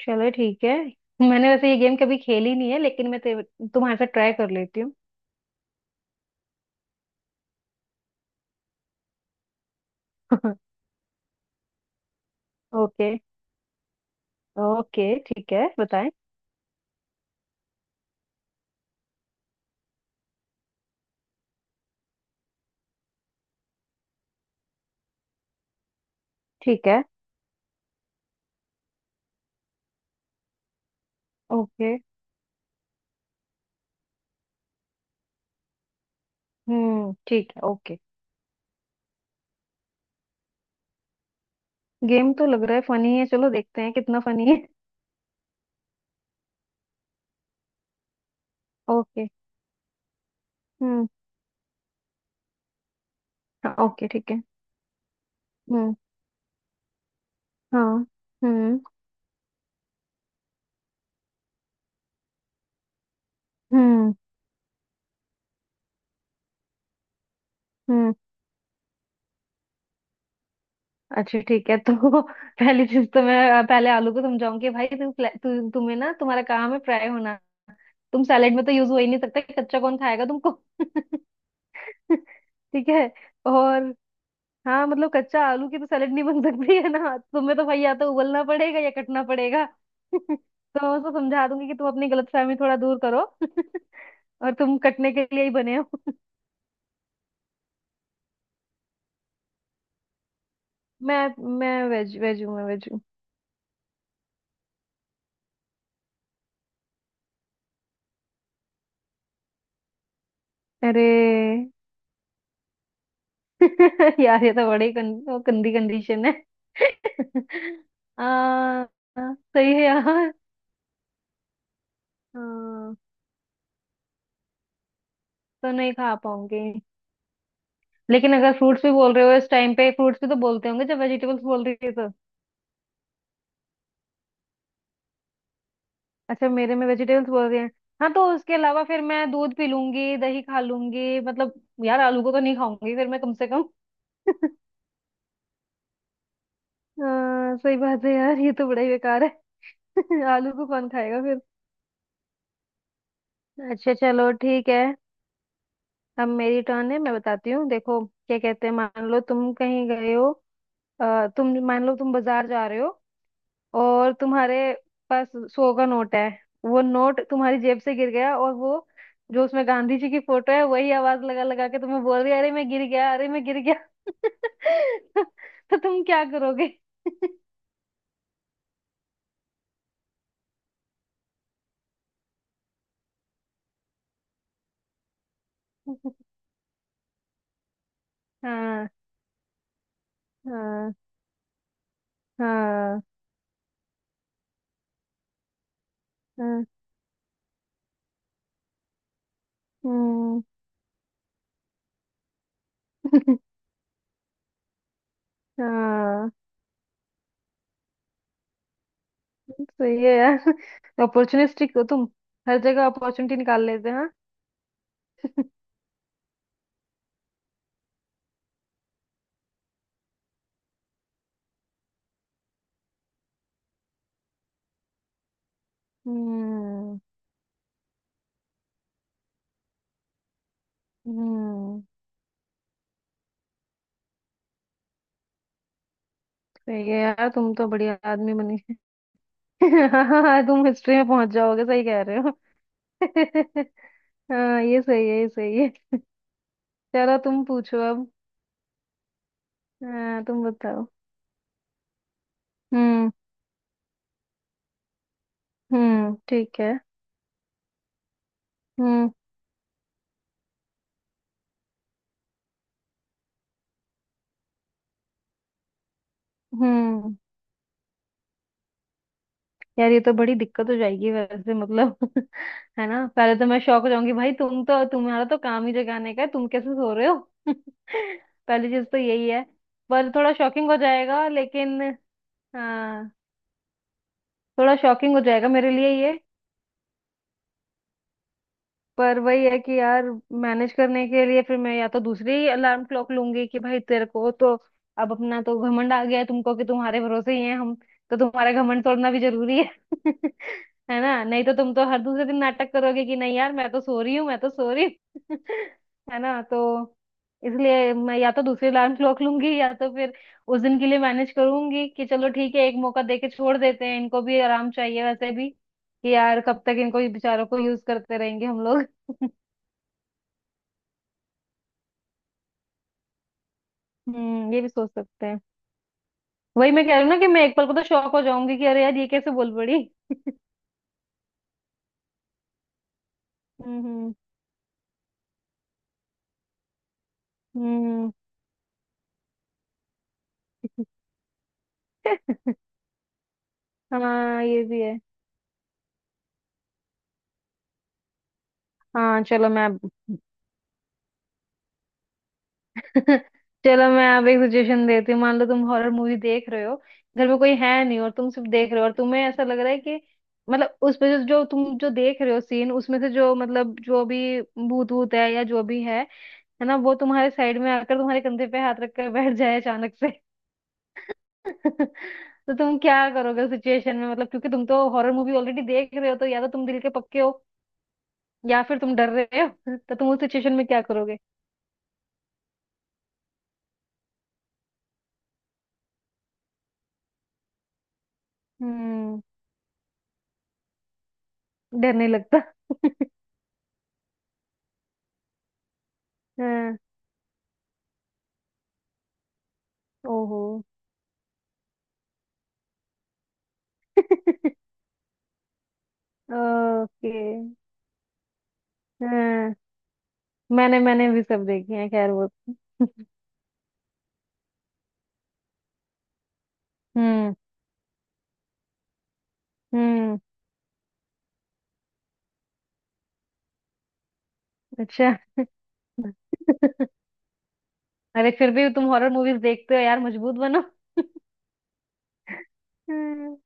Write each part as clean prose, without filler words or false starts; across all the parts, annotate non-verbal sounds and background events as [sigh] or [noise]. चलो ठीक है। मैंने वैसे ये गेम कभी खेली नहीं है लेकिन मैं तुम्हारे साथ ट्राई कर लेती हूँ। [laughs] ओके। ओके ठीक है बताएं। ठीक है ओके। ठीक है ओके। गेम तो लग रहा है फनी है चलो देखते हैं कितना फनी है। ओके। हम्म। हाँ ओके ठीक है। हम्म। हाँ। हम्म। हम्म। हम्म। अच्छा ठीक है तो [laughs] पहली चीज तो मैं पहले आलू को समझाऊंगी, भाई तू, फ्ला- तू तुम्हें ना तुम्हारा काम है फ्राई होना। तुम सैलेड में तो यूज हो ही नहीं सकता, कच्चा कौन खाएगा तुमको। [laughs] [laughs] ठीक है। और। हाँ, मतलब कच्चा आलू की तो सैलेड नहीं बन सकती है ना, तुम्हें तो भाई या तो उबलना पड़ेगा या कटना पड़ेगा। [laughs] तो मैं उसको समझा दूंगी कि तुम अपनी गलतफहमी थोड़ा दूर करो। [laughs] और तुम कटने के लिए ही बने हो। [laughs] मैं मैं वेज वेज हूँ, मैं वेज हूँ। अरे। [laughs] यार ये तो बड़ी गंदी कंडीशन है। [laughs] आ, सही है यार। हाँ, तो नहीं खा पाऊंगी। लेकिन अगर फ्रूट्स भी बोल रहे हो इस टाइम पे, फ्रूट्स भी तो बोलते होंगे जब वेजिटेबल्स बोल रही है तो। अच्छा मेरे में वेजिटेबल्स बोल रहे हैं। हाँ तो उसके अलावा फिर मैं दूध पी लूंगी दही खा लूंगी, मतलब। यार आलू को तो नहीं खाऊंगी फिर मैं कम से कम। [laughs] हाँ सही बात है यार, ये तो बड़ा ही बेकार है। [laughs] आलू को कौन खाएगा फिर। अच्छा चलो ठीक है। अब मेरी टर्न है, मैं बताती हूँ देखो क्या कहते हैं। मान लो तुम कहीं गए हो। तुम मान लो तुम बाजार जा रहे हो और तुम्हारे पास सौ का नोट है। वो नोट तुम्हारी जेब से गिर गया और वो जो उसमें गांधी जी की फोटो है वही आवाज लगा लगा के तुम्हें बोल रही है, अरे मैं गिर गया, अरे मैं गिर गया। [laughs] तो तुम क्या करोगे। [laughs] हाँ। हाँ। हाँ। हाँ। हम्म। [laughs] हाँ सही है यार, अपॉर्चुनिस्टिक हो तुम। हर जगह अपॉर्चुनिटी निकाल लेते हैं हाँ? [laughs] हम्म। हम्म। सही है यार, तुम तो बढ़िया आदमी बनी। [laughs] हाँ तुम हिस्ट्री में पहुंच जाओगे, सही कह रहे हो। [laughs] हाँ ये सही है, ये सही है। चलो तुम पूछो अब। हाँ तुम बताओ। हम्म। ठीक है। हम्म। हम्म। यार ये तो बड़ी दिक्कत हो जाएगी वैसे, मतलब, [laughs] है ना, पहले तो मैं शौक हो जाऊंगी, भाई तुम तो, तुम्हारा तो काम ही जगाने का है, तुम कैसे सो रहे हो। [laughs] पहली चीज तो यही है। पर थोड़ा शॉकिंग हो जाएगा लेकिन। हाँ। थोड़ा शॉकिंग हो जाएगा मेरे लिए ये। पर वही है कि यार, मैनेज करने के लिए फिर मैं या तो दूसरी अलार्म क्लॉक लूंगी कि भाई तेरे को तो अब अपना तो घमंड आ गया है, तुमको कि तुम्हारे भरोसे ही हैं हम, तो तुम्हारा घमंड तोड़ना भी जरूरी है। [laughs] है ना, नहीं तो तुम तो हर दूसरे दिन नाटक करोगे कि नहीं यार मैं तो सो रही हूँ, मैं तो सो रही हूँ। [laughs] है ना, तो इसलिए मैं या तो दूसरी अलार्म क्लॉक लूंगी या तो फिर उस दिन के लिए मैनेज करूंगी कि चलो ठीक है एक मौका दे के छोड़ देते हैं, इनको भी आराम चाहिए वैसे भी, कि यार कब तक इनको, ये बेचारों को यूज करते रहेंगे हम लोग। ये भी सोच सकते हैं। वही मैं कह रही हूँ ना कि मैं एक पल को तो शौक हो जाऊंगी कि अरे यार ये कैसे बोल पड़ी। हम्म। हम्म। हम्म। [laughs] हाँ ये भी है। हाँ चलो [laughs] चलो मैं अब एक सजेशन देती हूँ। मान लो तुम हॉरर मूवी देख रहे हो, घर में कोई है नहीं और तुम सिर्फ देख रहे हो और तुम्हें ऐसा लग रहा है कि, मतलब उसमें जो जो तुम जो देख रहे हो सीन, उसमें से जो मतलब जो भी भूत भूत है या जो भी है ना, वो तुम्हारे साइड में आकर तुम्हारे कंधे पे हाथ रखकर बैठ जाए अचानक। [laughs] तो तुम क्या करोगे उस सिचुएशन में, मतलब क्योंकि तुम तो हॉरर मूवी ऑलरेडी देख रहे हो, तो या तो तुम दिल के पक्के हो या फिर तुम डर रहे हो। [laughs] तो तुम उस सिचुएशन में क्या करोगे। हम्म। डर नहीं लगता। [laughs] हाँ। ओहो। [laughs] ओके। हाँ, मैंने मैंने भी सब देखी है खैर वो। [laughs] हम्म। हम्म। अच्छा। [laughs] अरे फिर भी तुम हॉरर मूवीज देखते हो यार, मजबूत बनो। [laughs] हम्म,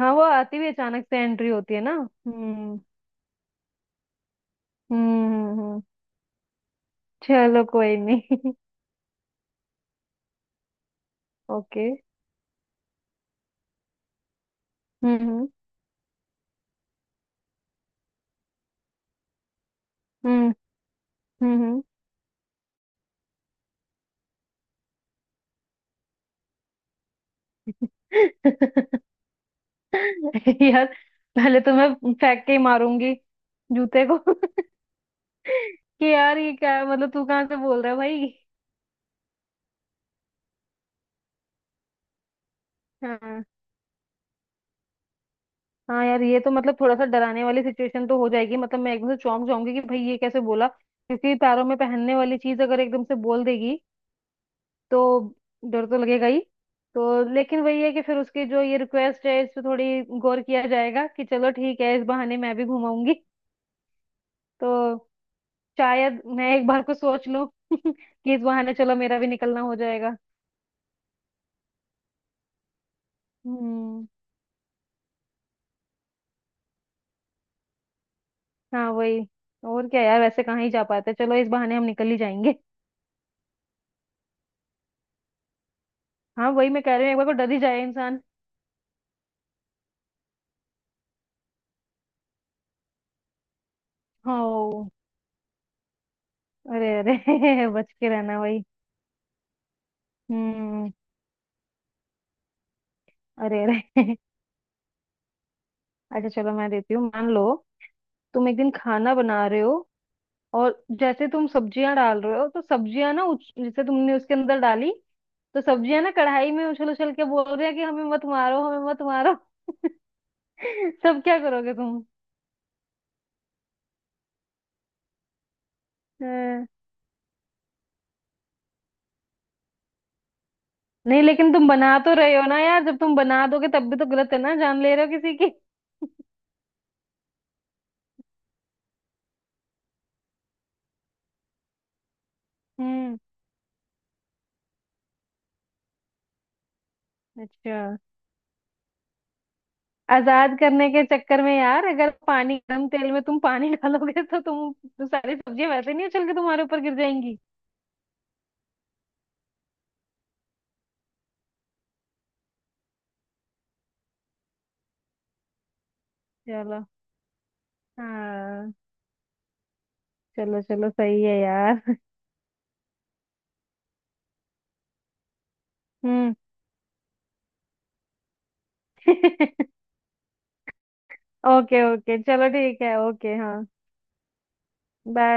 हाँ वो आती भी अचानक से, एंट्री होती है ना। हम्म। हम्म। चलो कोई नहीं। [laughs] ओके। हम्म। हम्म। हम्म। हम्म। हम्म। [laughs] यार पहले तो मैं फेंक के ही मारूंगी जूते को। [laughs] कि यार ये क्या है? मतलब तू कहाँ से बोल रहा है भाई। हाँ। हाँ यार ये तो मतलब थोड़ा सा डराने वाली सिचुएशन तो हो जाएगी, मतलब मैं एकदम से चौंक जाऊंगी कि भाई ये कैसे बोला, क्योंकि पैरों में पहनने वाली चीज अगर एकदम से बोल देगी तो डर तो लगेगा ही। तो लेकिन वही है कि फिर उसकी जो ये रिक्वेस्ट है इस पे थोड़ी गौर किया जाएगा कि चलो ठीक है इस बहाने मैं भी घुमाऊंगी, तो शायद मैं एक बार को सोच लूं [laughs] कि इस बहाने चलो मेरा भी निकलना हो जाएगा। हम्म। हाँ वही, और क्या यार, वैसे कहाँ ही जा पाते, चलो इस बहाने हम निकल ही जाएंगे। हाँ वही मैं कह रही हूँ, एक बार को डर ही जाए इंसान। हाँ। अरे अरे। [laughs] बच के रहना वही। हम्म। अरे अरे। [laughs] अच्छा चलो मैं देती हूँ, मान लो तुम एक दिन खाना बना रहे हो और जैसे तुम सब्जियां डाल रहे हो, तो सब्जियां ना जैसे तुमने उसके अंदर डाली तो सब्जियां ना कढ़ाई में उछल उछल के बोल रहे हैं कि हमें मत मारो, हमें मत मारो। [laughs] सब क्या करोगे तुम। हाँ। नहीं लेकिन तुम बना तो रहे हो ना यार, जब तुम बना दोगे तब भी तो गलत है ना, जान ले रहे हो किसी की। हम्म। अच्छा। आजाद करने के चक्कर में यार, अगर पानी, गर्म तेल में तुम पानी [laughs] डालोगे, तो तुम तो सारी सब्जियां वैसे नहीं उछल के तुम्हारे ऊपर गिर जाएंगी। चलो। हाँ। चलो चलो सही है यार। [laughs] हम्म। [laughs] ओके ओके चलो ठीक है, ओके हाँ। बाय।